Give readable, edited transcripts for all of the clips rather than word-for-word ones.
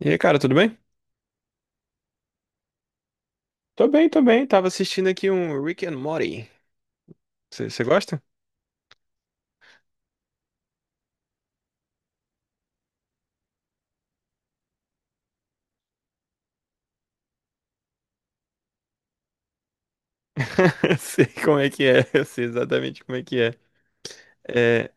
E aí, cara, tudo bem? Tô bem, tô bem. Tava assistindo aqui um Rick and Morty. Você gosta? Sei como é que é, eu sei exatamente como é que é. É,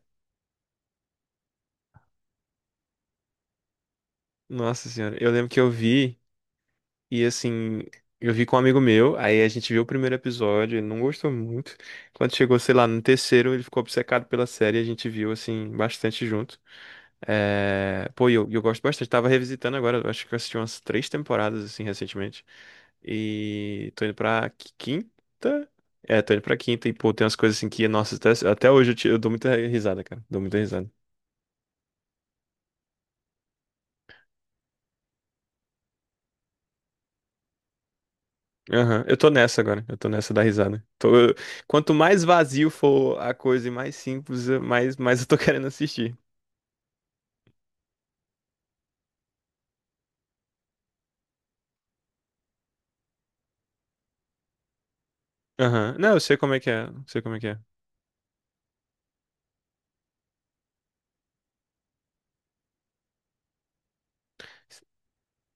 nossa senhora, eu lembro que eu vi e assim, eu vi com um amigo meu, aí a gente viu o primeiro episódio, ele não gostou muito. Quando chegou, sei lá, no terceiro, ele ficou obcecado pela série, a gente viu assim bastante junto. É, pô, e eu gosto bastante. Tava revisitando agora, eu acho que eu assisti umas três temporadas, assim, recentemente. E tô indo pra quinta. É, tô indo pra quinta e, pô, tem umas coisas assim que, nossa, até hoje eu dou muita risada, cara. Dou muita risada. Aham. Eu tô nessa da risada. Quanto mais vazio for a coisa e mais simples, mais, mais eu tô querendo assistir. Aham. Não, eu sei como é que é, eu sei como é que é.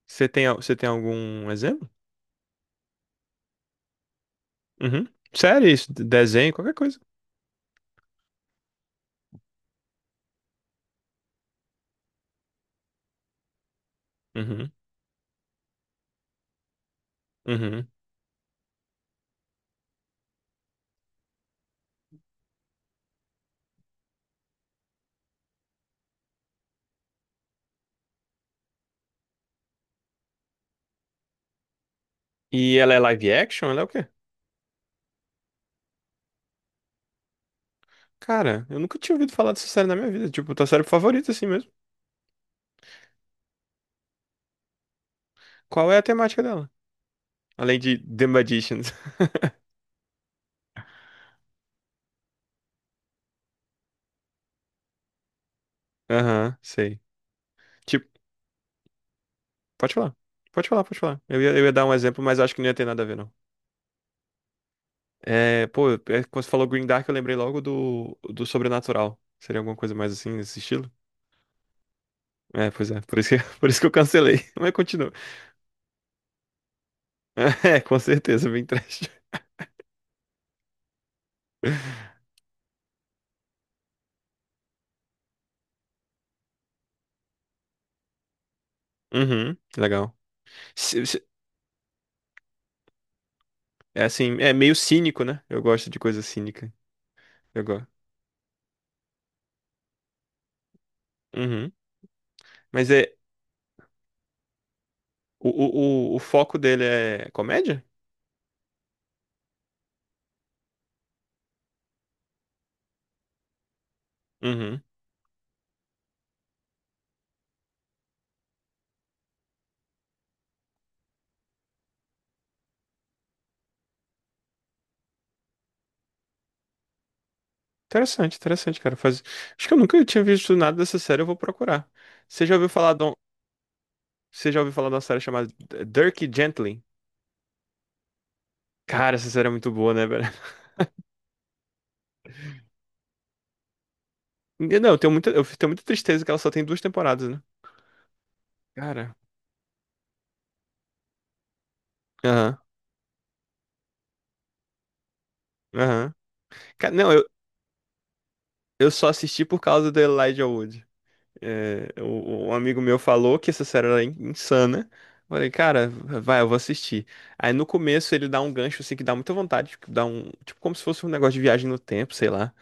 Você tem, você tem algum exemplo? Uhum. Sério, isso, desenho, qualquer coisa. Uhum. Uhum. E ela é live action? Ela é o quê? Cara, eu nunca tinha ouvido falar dessa série na minha vida. Tipo, tua série favorita, assim mesmo. Qual é a temática dela? Além de The Magicians. Aham, sei. Tipo, pode falar. Pode falar, pode falar. Eu ia dar um exemplo, mas acho que não ia ter nada a ver, não. É, pô, é, quando você falou Green Dark, eu lembrei logo do Sobrenatural. Seria alguma coisa mais assim, nesse estilo? É, pois é. Por isso que, por isso que eu cancelei. Mas continua. É, com certeza, bem trash. Uhum, legal. Se- se- É assim, é meio cínico, né? Eu gosto de coisa cínica. Eu gosto. Uhum. Mas é o foco dele é comédia? Uhum. Interessante, interessante, cara. Faz... Acho que eu nunca tinha visto nada dessa série, eu vou procurar. Você já ouviu falar de um... Você já ouviu falar de uma série chamada Dirk Gently? Cara, essa série é muito boa, né, velho? Não, eu tenho muita tristeza que ela só tem duas temporadas, né? Cara. Aham, aham. Não, eu só assisti por causa do Elijah Wood. É, um amigo meu falou que essa série era insana. Falei, cara, vai, eu vou assistir. Aí no começo ele dá um gancho assim que dá muita vontade, que dá um, tipo como se fosse um negócio de viagem no tempo, sei lá.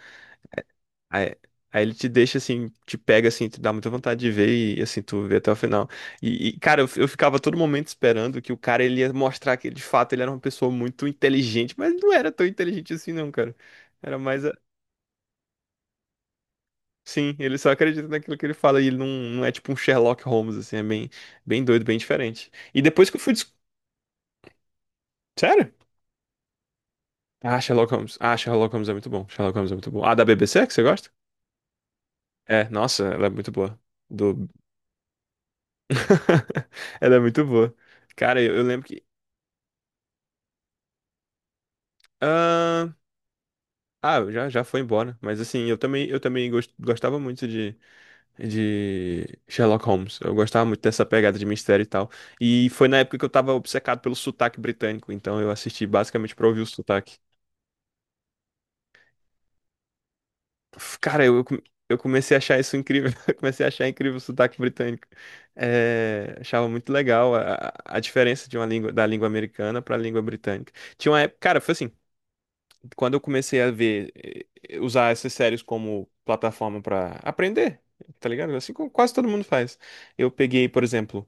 Aí, aí ele te deixa assim, te pega assim, te dá muita vontade de ver e assim tu vê até o final. E, cara, eu ficava a todo momento esperando que o cara ele ia mostrar que de fato ele era uma pessoa muito inteligente, mas não era tão inteligente assim não, cara. Era mais. Sim, ele só acredita naquilo que ele fala e ele não, não é tipo um Sherlock Holmes, assim, é bem, bem doido, bem diferente. E depois que eu fui. Sério? Ah, Sherlock Holmes. Ah, Sherlock Holmes é muito bom. Sherlock Holmes é muito bom. Ah, da BBC, que você gosta? É, nossa, ela é muito boa. Do... Ela é muito boa. Cara, eu lembro que. Ah, ah, já, já foi embora. Mas assim, eu também, gostava muito de Sherlock Holmes. Eu gostava muito dessa pegada de mistério e tal. E foi na época que eu tava obcecado pelo sotaque britânico, então eu assisti basicamente pra ouvir o sotaque. Cara, eu comecei a achar isso incrível. Eu comecei a achar incrível o sotaque britânico. É, achava muito legal a diferença de uma língua, da língua americana pra língua britânica. Tinha uma época, cara, foi assim, quando eu comecei a ver, usar essas séries como plataforma pra aprender, tá ligado? Assim como quase todo mundo faz. Eu peguei, por exemplo,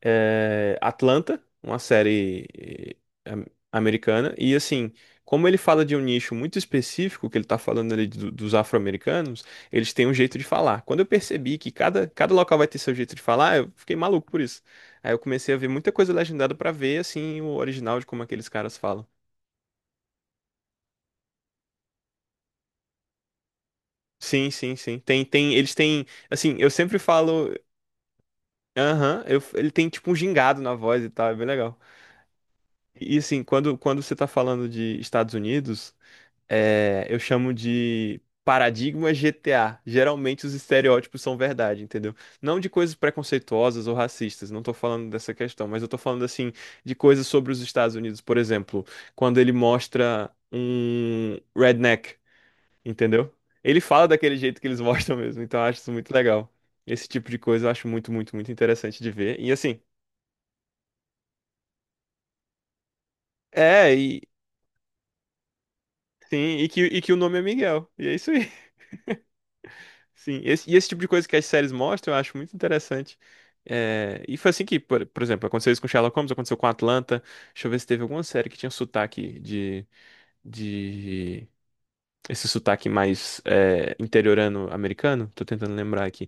é, Atlanta, uma série am- americana, e assim, como ele fala de um nicho muito específico, que ele tá falando ali dos afro-americanos, eles têm um jeito de falar. Quando eu percebi que cada local vai ter seu jeito de falar, eu fiquei maluco por isso. Aí eu comecei a ver muita coisa legendada pra ver, assim, o original de como aqueles caras falam. Sim, sim, sim. Tem, tem, eles têm, assim, eu sempre falo, aham, ele tem tipo um gingado na voz e tal, é bem legal. E assim, quando você tá falando de Estados Unidos. É, eu chamo de paradigma GTA. Geralmente os estereótipos são verdade, entendeu? Não de coisas preconceituosas ou racistas, não tô falando dessa questão, mas eu tô falando assim de coisas sobre os Estados Unidos, por exemplo, quando ele mostra um redneck, entendeu? Ele fala daquele jeito que eles mostram mesmo, então eu acho isso muito legal. Esse tipo de coisa eu acho muito, muito, muito interessante de ver. E assim, é, e sim, e que o nome é Miguel. E é isso aí. Sim, e esse tipo de coisa que as séries mostram, eu acho muito interessante. É, e foi assim que, por exemplo, aconteceu isso com Sherlock Holmes, aconteceu com Atlanta. Deixa eu ver se teve alguma série que tinha sotaque de esse sotaque mais é, interiorano americano. Tô tentando lembrar aqui.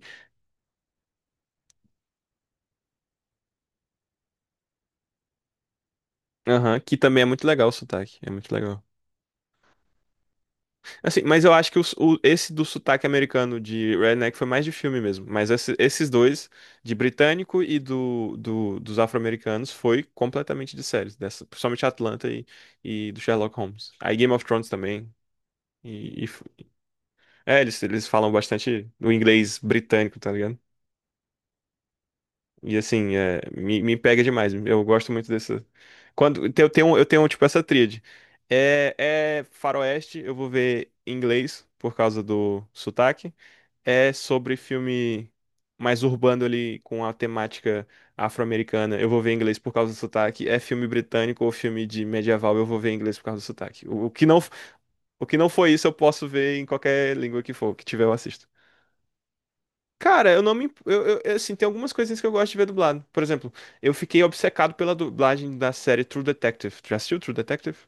Aham, que também é muito legal o sotaque, é muito legal. Assim, mas eu acho que esse do sotaque americano de Redneck foi mais de filme mesmo. Mas esses dois, de britânico e dos afro-americanos, foi completamente de séries. Dessa, principalmente Atlanta e do Sherlock Holmes. Aí Game of Thrones também. E, e f- é, eles falam bastante do inglês britânico, tá ligado? E assim, é, me pega demais. Eu gosto muito dessa. Eu tenho, tipo, essa tríade. É, é faroeste, eu vou ver em inglês por causa do sotaque. É sobre filme mais urbano ali com a temática afro-americana, eu vou ver em inglês por causa do sotaque. É filme britânico ou filme de medieval, eu vou ver em inglês por causa do sotaque. O que não foi isso, eu posso ver em qualquer língua que for, que tiver eu assisto. Cara, eu não me. Assim, tem algumas coisinhas que eu gosto de ver dublado. Por exemplo, eu fiquei obcecado pela dublagem da série True Detective. Tu já assistiu True Detective?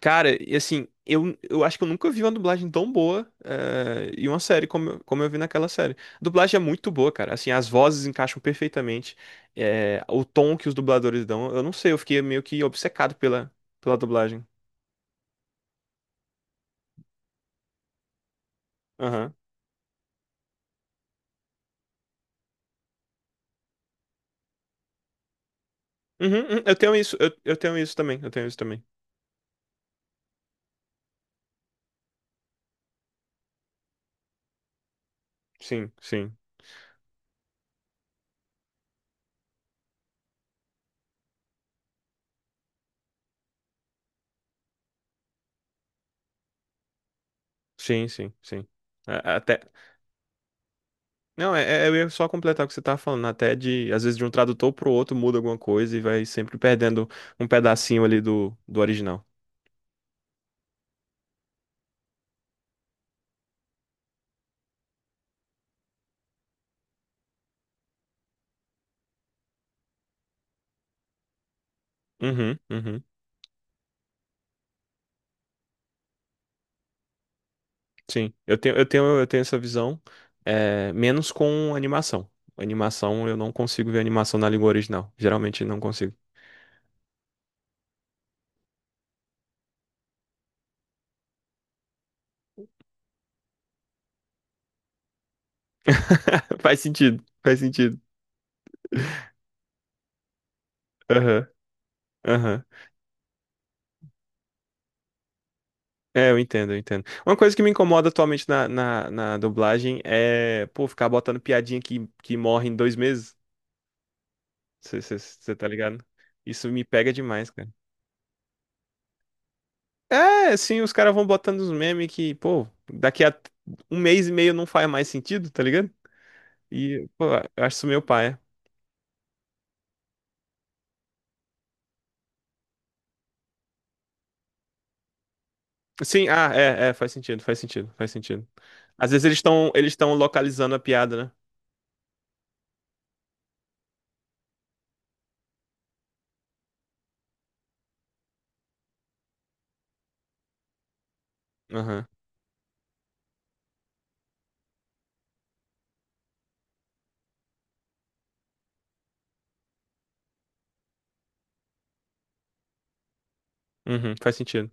Cara, e assim, eu acho que eu nunca vi uma dublagem tão boa e uma série como, como eu vi naquela série. A dublagem é muito boa, cara. Assim, as vozes encaixam perfeitamente. O tom que os dubladores dão, eu não sei, eu fiquei meio que obcecado pela, pela dublagem. Aham. Uhum, uhum, eu tenho isso, eu tenho isso também, eu tenho isso também. Sim, sim, sim, sim, sim. Até. Não, eu ia só completar o que você tava falando, né? Até de, às vezes, de um tradutor pro outro muda alguma coisa e vai sempre perdendo um pedacinho ali do original. Uhum, uhum. Sim, eu tenho essa visão, é, menos com animação. Animação, eu não consigo ver animação na língua original. Geralmente não consigo. Faz sentido, faz sentido. Aham, aham. É, eu entendo, eu entendo. Uma coisa que me incomoda atualmente na dublagem é, pô, ficar botando piadinha que morre em dois meses. Você tá ligado? Isso me pega demais, cara. É, sim, os caras vão botando uns memes que, pô, daqui a um mês e meio não faz mais sentido, tá ligado? E, pô, eu acho isso meio paia. Sim, ah, é, é, faz sentido, faz sentido, faz sentido. Às vezes eles estão localizando a piada, né? Aham. Uhum, faz sentido.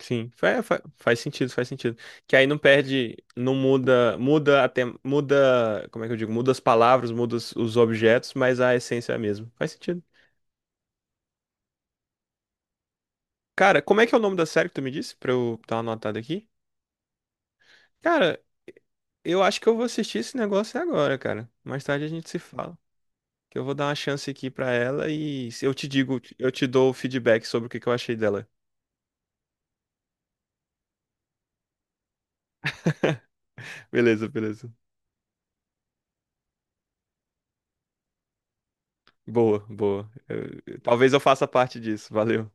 Sim, faz, faz, faz sentido, faz sentido. Que aí não perde, não muda, muda até, muda, como é que eu digo? Muda as palavras, muda os objetos, mas a essência é a mesma. Faz sentido. Cara, como é que é o nome da série que tu me disse? Pra eu dar uma anotada aqui? Cara, eu acho que eu vou assistir esse negócio agora, cara. Mais tarde a gente se fala. Que eu vou dar uma chance aqui pra ela e se eu te digo, eu te dou o feedback sobre o que que eu achei dela. Beleza, beleza. Boa, boa. Talvez eu faça parte disso. Valeu.